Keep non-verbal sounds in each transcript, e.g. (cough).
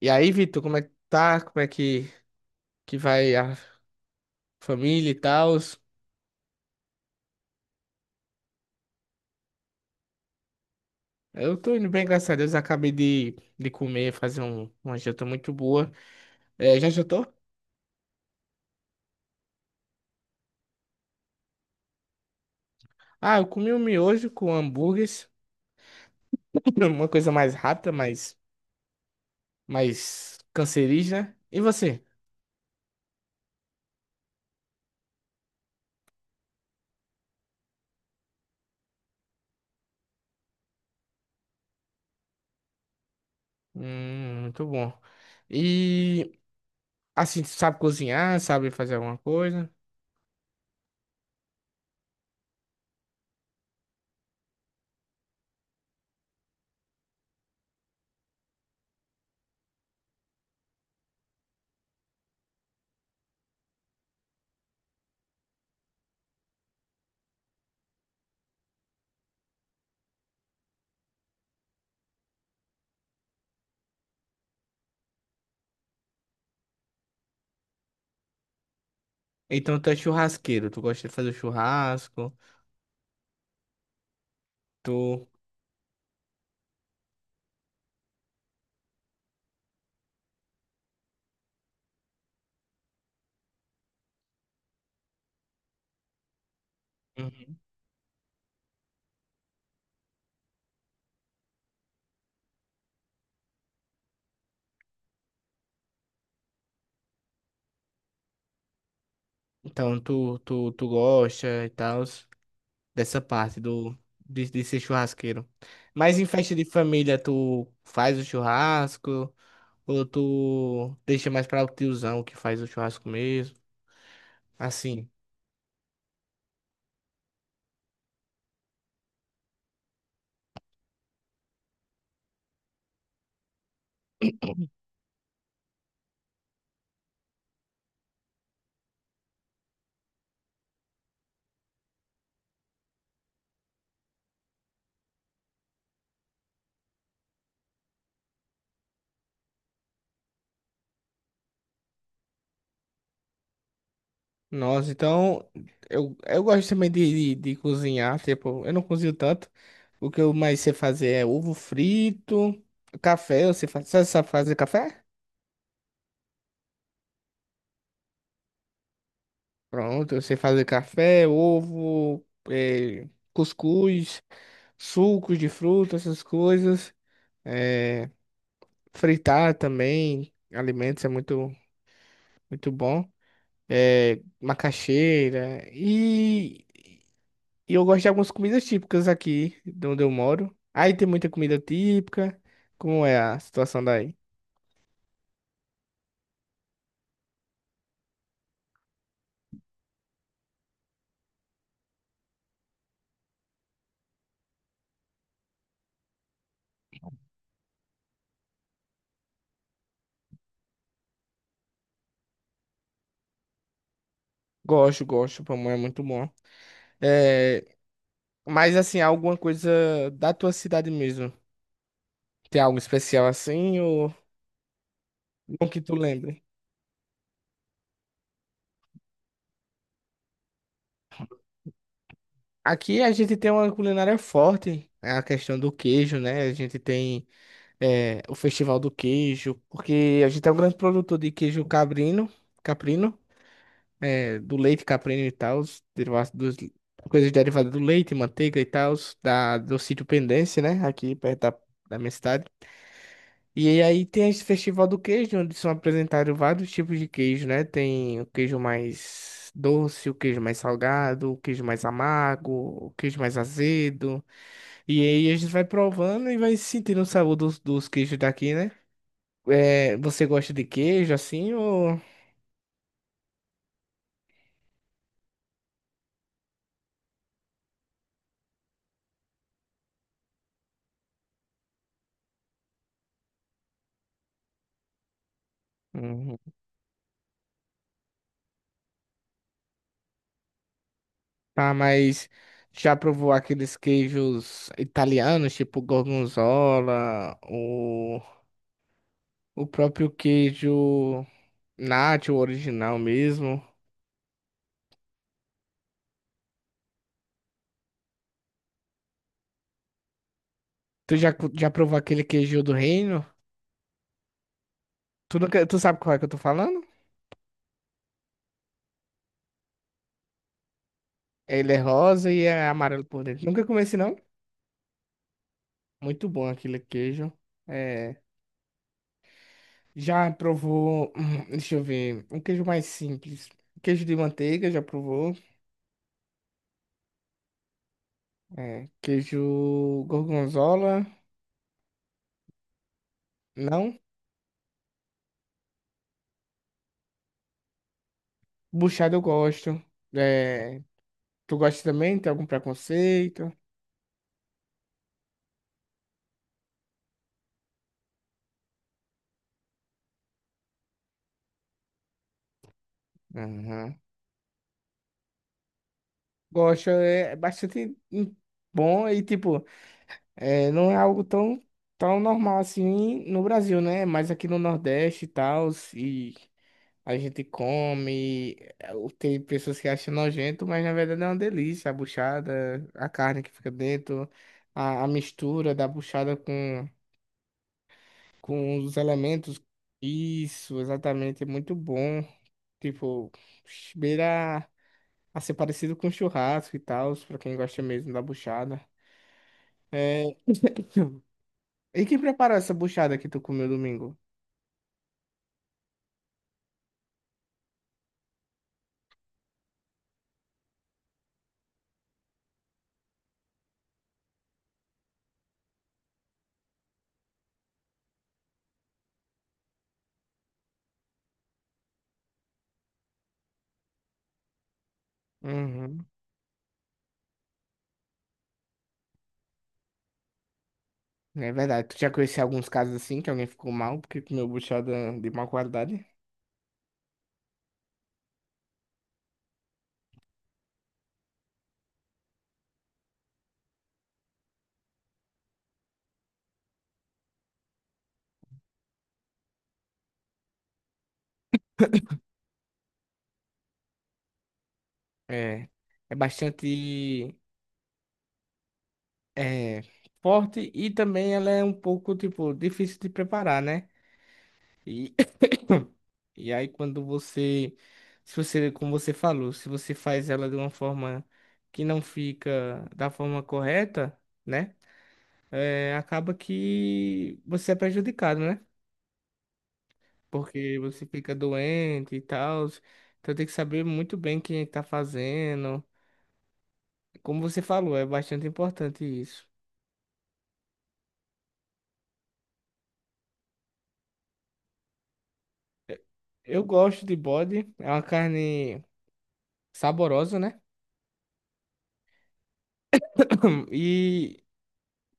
E aí, Vitor, como é que tá? Que vai a família e tal? Eu tô indo bem, graças a Deus. Acabei de comer, fazer uma janta muito boa. É, já jantou? Ah, eu comi um miojo com hambúrgueres. (laughs) Uma coisa mais rápida, mais cancerígena, né? E você? Muito bom. E, assim, tu sabe cozinhar, sabe fazer alguma coisa? Então tu é churrasqueiro, tu gosta de fazer churrasco, tu... Uhum. Então tu gosta e tal, dessa parte do, de ser churrasqueiro. Mas em festa de família, tu faz o churrasco ou tu deixa mais para o tiozão que faz o churrasco mesmo? Assim. Nossa, então eu gosto também de cozinhar, tipo, eu não cozinho tanto. O que eu mais sei fazer é ovo frito, café, eu sei fazer, sabe fazer café? Pronto, eu sei fazer café, ovo, eh, cuscuz, sucos de fruta, essas coisas. É, fritar também alimentos é muito bom. É, macaxeira. E eu gosto de algumas comidas típicas aqui de onde eu moro. Aí tem muita comida típica. Como é a situação daí? Gosto, gosto. Pamonha é muito bom. É, mas assim, alguma coisa da tua cidade mesmo? Tem algo especial assim ou não que tu lembre? Aqui a gente tem uma culinária forte, é a questão do queijo, né? A gente tem, é, o Festival do Queijo, porque a gente é um grande produtor de queijo cabrino, caprino, é, do leite caprino e tal, os derivados dos, coisas derivadas do leite, manteiga e tal, do sítio Pendência, né, aqui perto da minha cidade. E aí tem esse Festival do Queijo, onde são apresentados vários tipos de queijo, né? Tem o queijo mais doce, o queijo mais salgado, o queijo mais amargo, o queijo mais azedo. E aí a gente vai provando e vai sentindo o sabor dos queijos daqui, né? É, você gosta de queijo assim ou... Uhum. Tá, mas já provou aqueles queijos italianos, tipo gorgonzola, o próprio queijo nacho, o original mesmo? Já provou aquele queijo do reino? Tu nunca, tu sabe qual é que eu tô falando? Ele é rosa e é amarelo por dentro. Nunca comi esse não? Muito bom aquele queijo. É, já provou, (clears throat) deixa eu ver, um queijo mais simples. Queijo de manteiga, já provou? É, queijo gorgonzola, não. Buchada eu gosto. É, tu gosta também? Tem algum preconceito? Aham. Gosto, é, é bastante, bom e, tipo, é, não é algo tão normal assim no Brasil, né? Mas aqui no Nordeste e tal, e a gente come, é, tem pessoas que acham nojento, mas na verdade é uma delícia. A buchada, a carne que fica dentro, a mistura da buchada com os elementos. Isso, exatamente, é muito bom. Tipo, beira a ser parecido com churrasco e tal, pra quem gosta mesmo da buchada. É... E quem preparou essa buchada que tu comeu domingo? Uhum. É verdade, tu já conheceu alguns casos assim que alguém ficou mal porque comeu buchada de má qualidade? É, é bastante, é, forte e também ela é um pouco, tipo, difícil de preparar, né? E (laughs) (coughs) e aí quando você, se você, como você falou, se você faz ela de uma forma que não fica da forma correta, né? É, acaba que você é prejudicado, né? Porque você fica doente e tal. Então tem que saber muito bem quem está fazendo. Como você falou, é bastante importante isso. Eu gosto de bode, é uma carne saborosa, né? (clears throat) E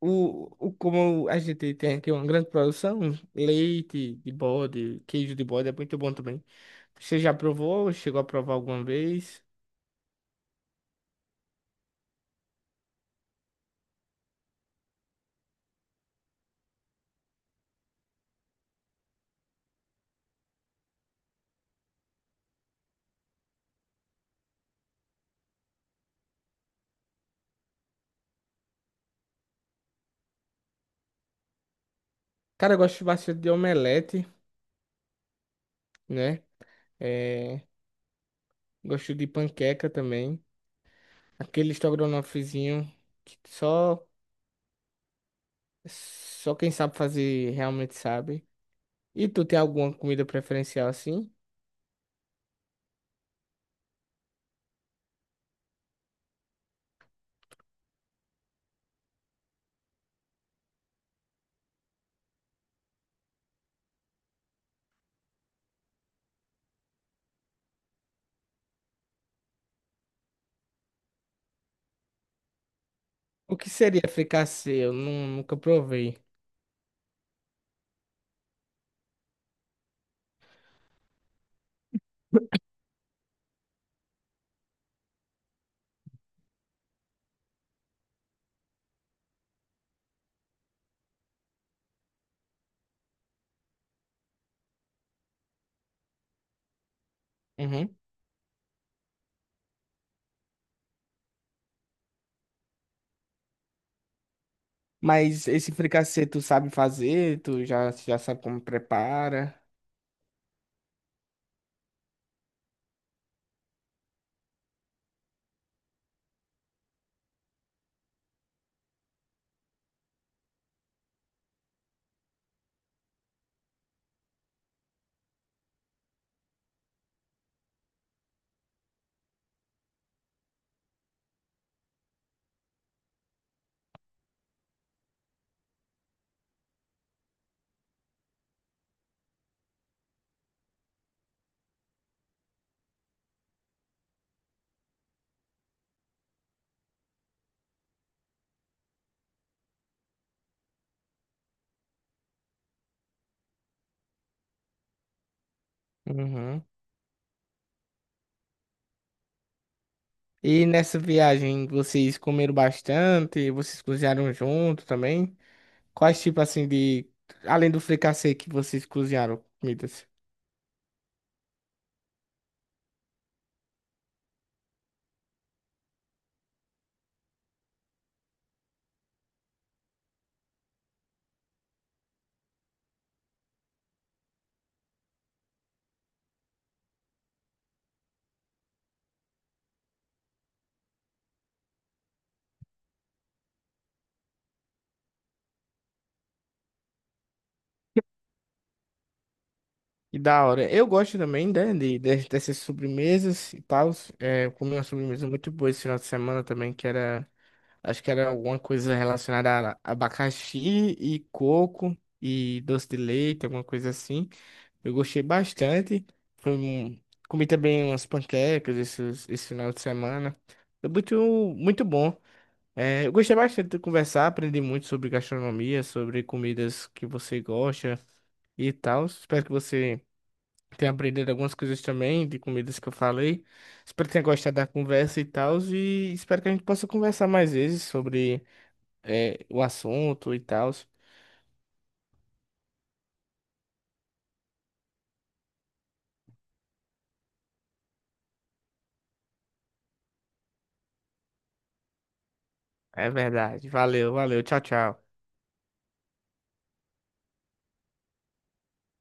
o, como a gente tem aqui uma grande produção, leite de bode, queijo de bode é muito bom também. Você já provou? Chegou a provar alguma vez? Cara, eu gosto bastante de omelete, né? É, gosto de panqueca também. Aquele estrogonofezinho que só quem sabe fazer realmente sabe. E tu tem alguma comida preferencial assim? O que seria fricassê? Nunca provei. Uhum. Mas esse fricassê tu sabe fazer, tu já, já sabe como prepara. Uhum. E nessa viagem vocês comeram bastante, vocês cozinharam junto também? Quais tipo assim de, além do fricassê que vocês cozinharam, comidas? E da hora. Eu gosto também, né, dessas sobremesas e tal. É, eu comi uma sobremesa muito boa esse final de semana também, que era, acho que era alguma coisa relacionada a abacaxi e coco e doce de leite, alguma coisa assim. Eu gostei bastante. Foi um- Comi também umas panquecas esse final de semana. Foi muito bom. É, eu gostei bastante de conversar, aprendi muito sobre gastronomia, sobre comidas que você gosta e tal. Espero que você tenha aprendido algumas coisas também de comidas que eu falei. Espero que tenha gostado da conversa e tal. E espero que a gente possa conversar mais vezes sobre, é, o assunto e tal. É verdade. Valeu, valeu. Tchau, tchau.